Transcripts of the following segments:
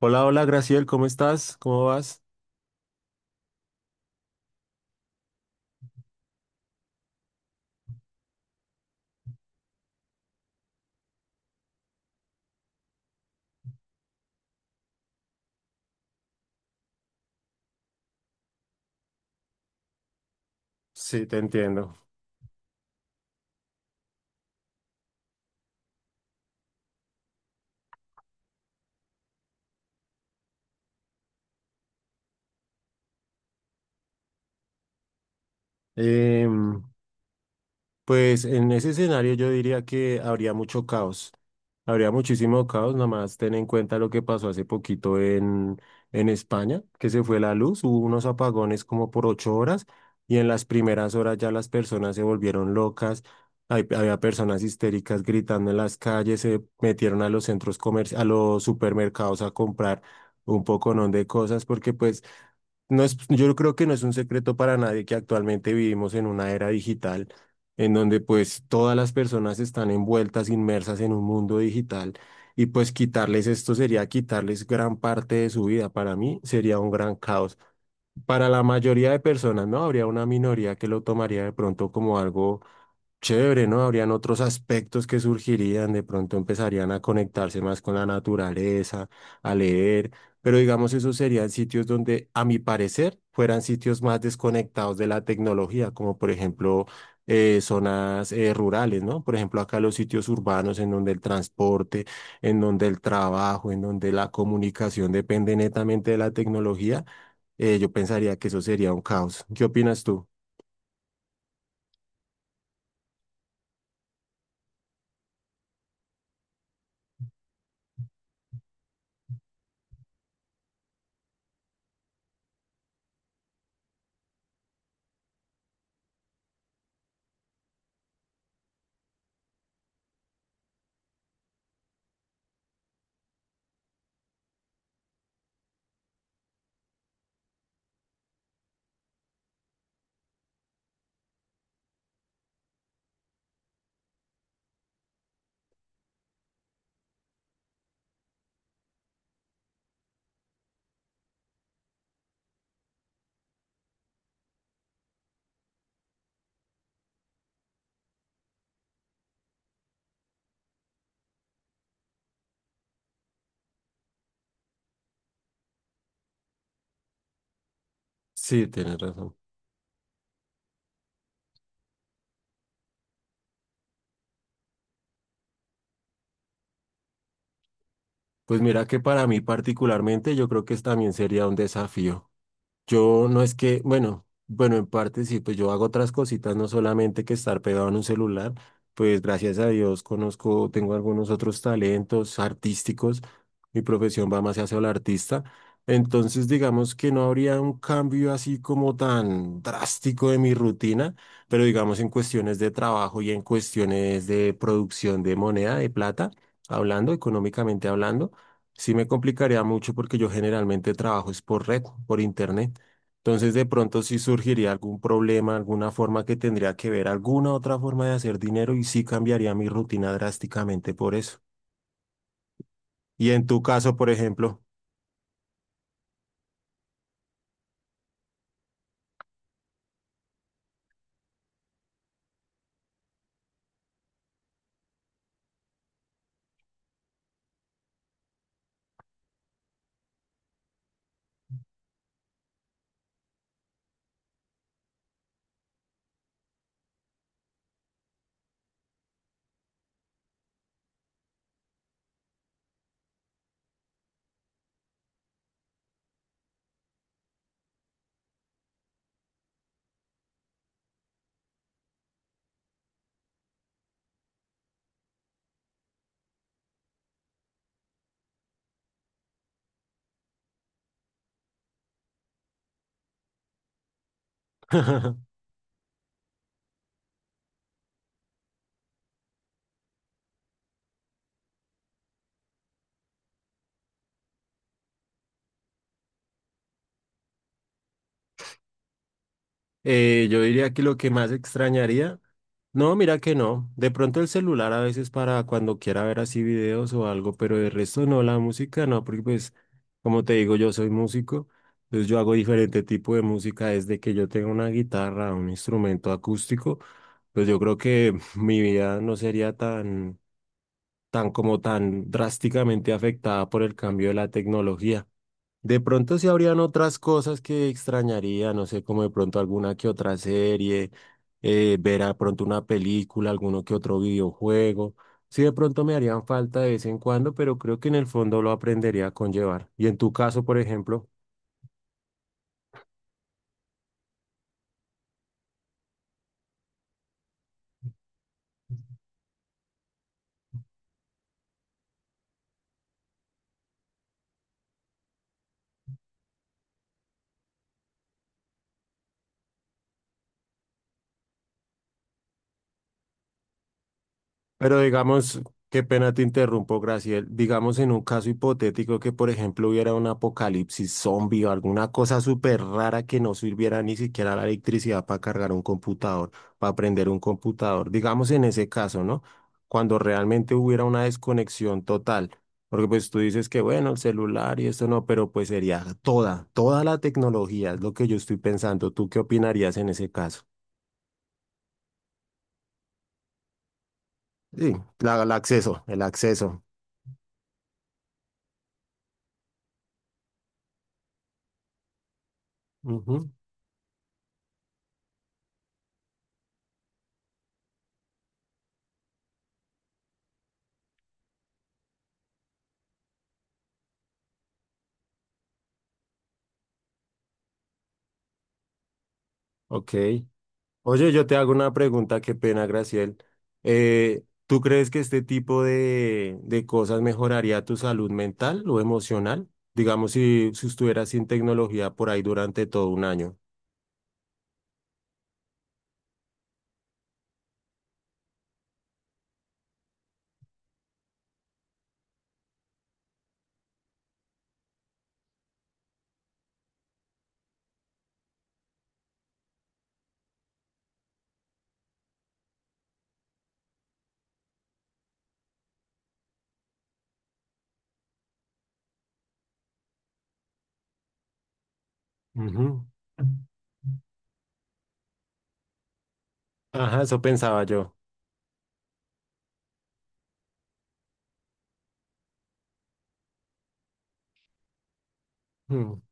Hola, hola, Graciel, ¿cómo estás? ¿Cómo vas? Sí, te entiendo. Em, pues en ese escenario yo diría que habría mucho caos. Habría muchísimo caos, nada más ten en cuenta lo que pasó hace poquito en España, que se fue la luz, hubo unos apagones como por 8 horas y en las primeras horas ya las personas se volvieron locas. Había personas histéricas gritando en las calles, se metieron a los centros comerciales, a los supermercados a comprar un poconón de cosas porque pues... No es, yo creo que no es un secreto para nadie que actualmente vivimos en una era digital en donde pues todas las personas están envueltas, inmersas en un mundo digital y pues quitarles esto sería quitarles gran parte de su vida. Para mí sería un gran caos. Para la mayoría de personas, ¿no? Habría una minoría que lo tomaría de pronto como algo chévere, ¿no? Habrían otros aspectos que surgirían, de pronto empezarían a conectarse más con la naturaleza, a leer, pero digamos esos serían sitios donde, a mi parecer, fueran sitios más desconectados de la tecnología, como por ejemplo zonas rurales, ¿no? Por ejemplo, acá los sitios urbanos en donde el transporte, en donde el trabajo, en donde la comunicación depende netamente de la tecnología, yo pensaría que eso sería un caos. ¿Qué opinas tú? Sí, tienes razón. Pues mira que para mí particularmente yo creo que es también sería un desafío. Yo no es que, bueno, bueno, en parte sí, pues yo hago otras cositas, no solamente que estar pegado en un celular, pues gracias a Dios conozco, tengo algunos otros talentos artísticos, mi profesión va más hacia el artista, entonces digamos que no habría un cambio así como tan drástico de mi rutina, pero digamos en cuestiones de trabajo y en cuestiones de producción de moneda, de plata, hablando, económicamente hablando. Sí me complicaría mucho porque yo generalmente trabajo es por red, por internet. Entonces, de pronto sí surgiría algún problema, alguna forma que tendría que ver, alguna otra forma de hacer dinero y sí cambiaría mi rutina drásticamente por eso. Y en tu caso, por ejemplo, yo diría que lo que más extrañaría no, mira que no. De pronto el celular a veces para cuando quiera ver así videos o algo, pero de resto no, la música no, porque pues, como te digo, yo soy músico, entonces yo hago diferente tipo de música desde que yo tengo una guitarra, un instrumento acústico, pues yo creo que mi vida no sería tan, tan como tan drásticamente afectada por el cambio de la tecnología. De pronto sí habrían otras cosas que extrañaría, no sé, como de pronto alguna que otra serie, ver a pronto una película, alguno que otro videojuego. Sí, de pronto me harían falta de vez en cuando, pero creo que en el fondo lo aprendería a conllevar. Y en tu caso, por ejemplo. Pero digamos, qué pena te interrumpo, Graciel. Digamos en un caso hipotético que, por ejemplo, hubiera un apocalipsis zombie o alguna cosa súper rara que no sirviera ni siquiera la electricidad para cargar un computador, para prender un computador. Digamos en ese caso, ¿no? Cuando realmente hubiera una desconexión total. Porque pues tú dices que, bueno, el celular y esto no, pero pues sería toda la tecnología, es lo que yo estoy pensando. ¿Tú qué opinarías en ese caso? Sí, el acceso. Ujú. Ok. Oye, yo te hago una pregunta, qué pena, Graciel. ¿Tú crees que este tipo de cosas mejoraría tu salud mental o emocional? Digamos, si, si estuvieras sin tecnología por ahí durante todo un año. Ujú. Ajá, eso pensaba yo. Mm.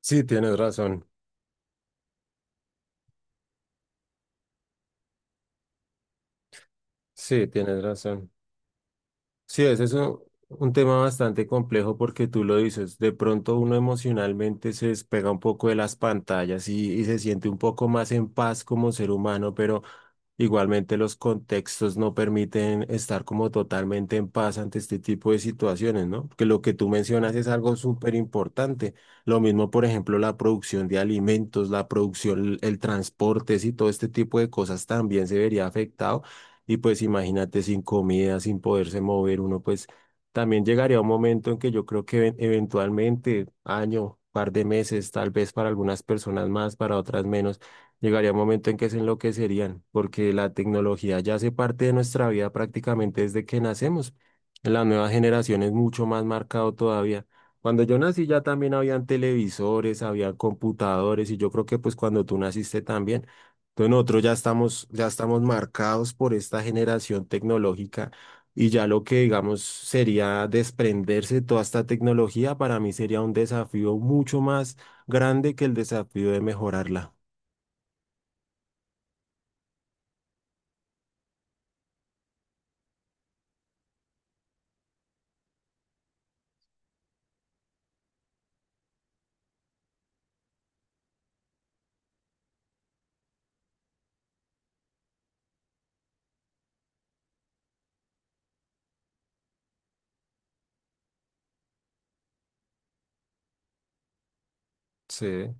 Sí, tienes razón. Sí, tienes razón. Sí, ese es un tema bastante complejo porque tú lo dices, de pronto uno emocionalmente se despega un poco de las pantallas y se siente un poco más en paz como ser humano, pero... Igualmente los contextos no permiten estar como totalmente en paz ante este tipo de situaciones, ¿no? Porque lo que tú mencionas es algo súper importante. Lo mismo, por ejemplo, la producción de alimentos, la producción, el transporte, y todo este tipo de cosas también se vería afectado. Y pues imagínate sin comida, sin poderse mover uno, pues también llegaría un momento en que yo creo que eventualmente, año, par de meses, tal vez para algunas personas más, para otras menos llegaría un momento en que se enloquecerían, porque la tecnología ya hace parte de nuestra vida prácticamente desde que nacemos. En la nueva generación es mucho más marcado todavía. Cuando yo nací ya también habían televisores, había computadores y yo creo que pues cuando tú naciste también. Entonces nosotros ya estamos marcados por esta generación tecnológica y ya lo que digamos sería desprenderse de toda esta tecnología para mí sería un desafío mucho más grande que el desafío de mejorarla. Sí.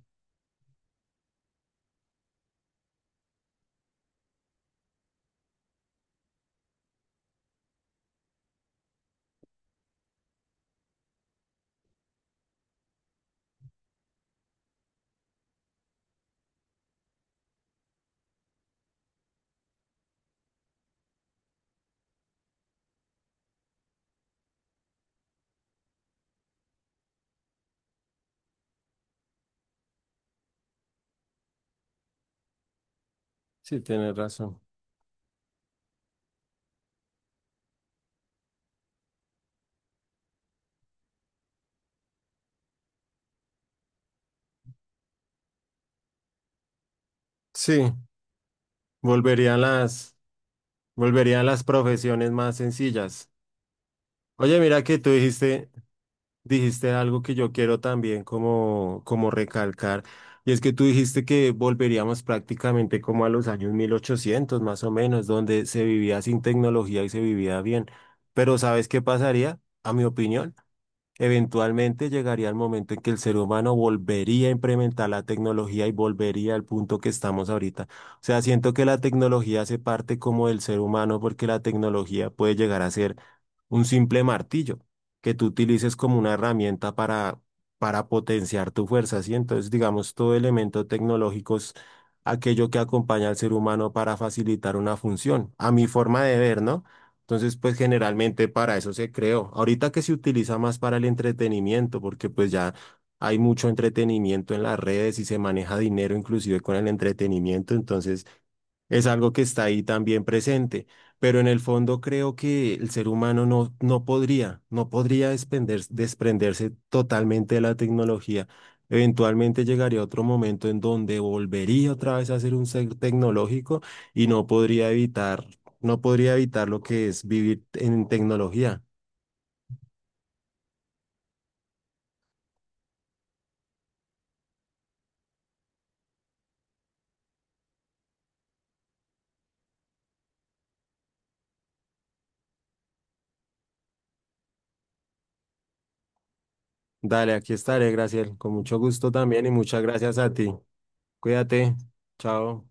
Sí, tienes razón. Sí, volverían las, volverían las profesiones más sencillas. Oye, mira que tú dijiste algo que yo quiero también como, como recalcar, y es que tú dijiste que volveríamos prácticamente como a los años 1800 más o menos, donde se vivía sin tecnología y se vivía bien. Pero ¿sabes qué pasaría? A mi opinión. Eventualmente llegaría el momento en que el ser humano volvería a implementar la tecnología y volvería al punto que estamos ahorita. O sea, siento que la tecnología hace parte como del ser humano porque la tecnología puede llegar a ser un simple martillo que tú utilices como una herramienta para potenciar tu fuerza, ¿sí? Entonces, digamos, todo elemento tecnológico es aquello que acompaña al ser humano para facilitar una función, a mi forma de ver, ¿no? Entonces, pues generalmente para eso se creó. Ahorita que se utiliza más para el entretenimiento, porque pues ya hay mucho entretenimiento en las redes y se maneja dinero inclusive con el entretenimiento, entonces es algo que está ahí también presente. Pero en el fondo creo que el ser humano no, no podría desprenderse totalmente de la tecnología. Eventualmente llegaría otro momento en donde volvería otra vez a ser un ser tecnológico y no podría evitar lo que es vivir en tecnología. Dale, aquí estaré, Graciel. Con mucho gusto también y muchas gracias a ti. Cuídate. Chao.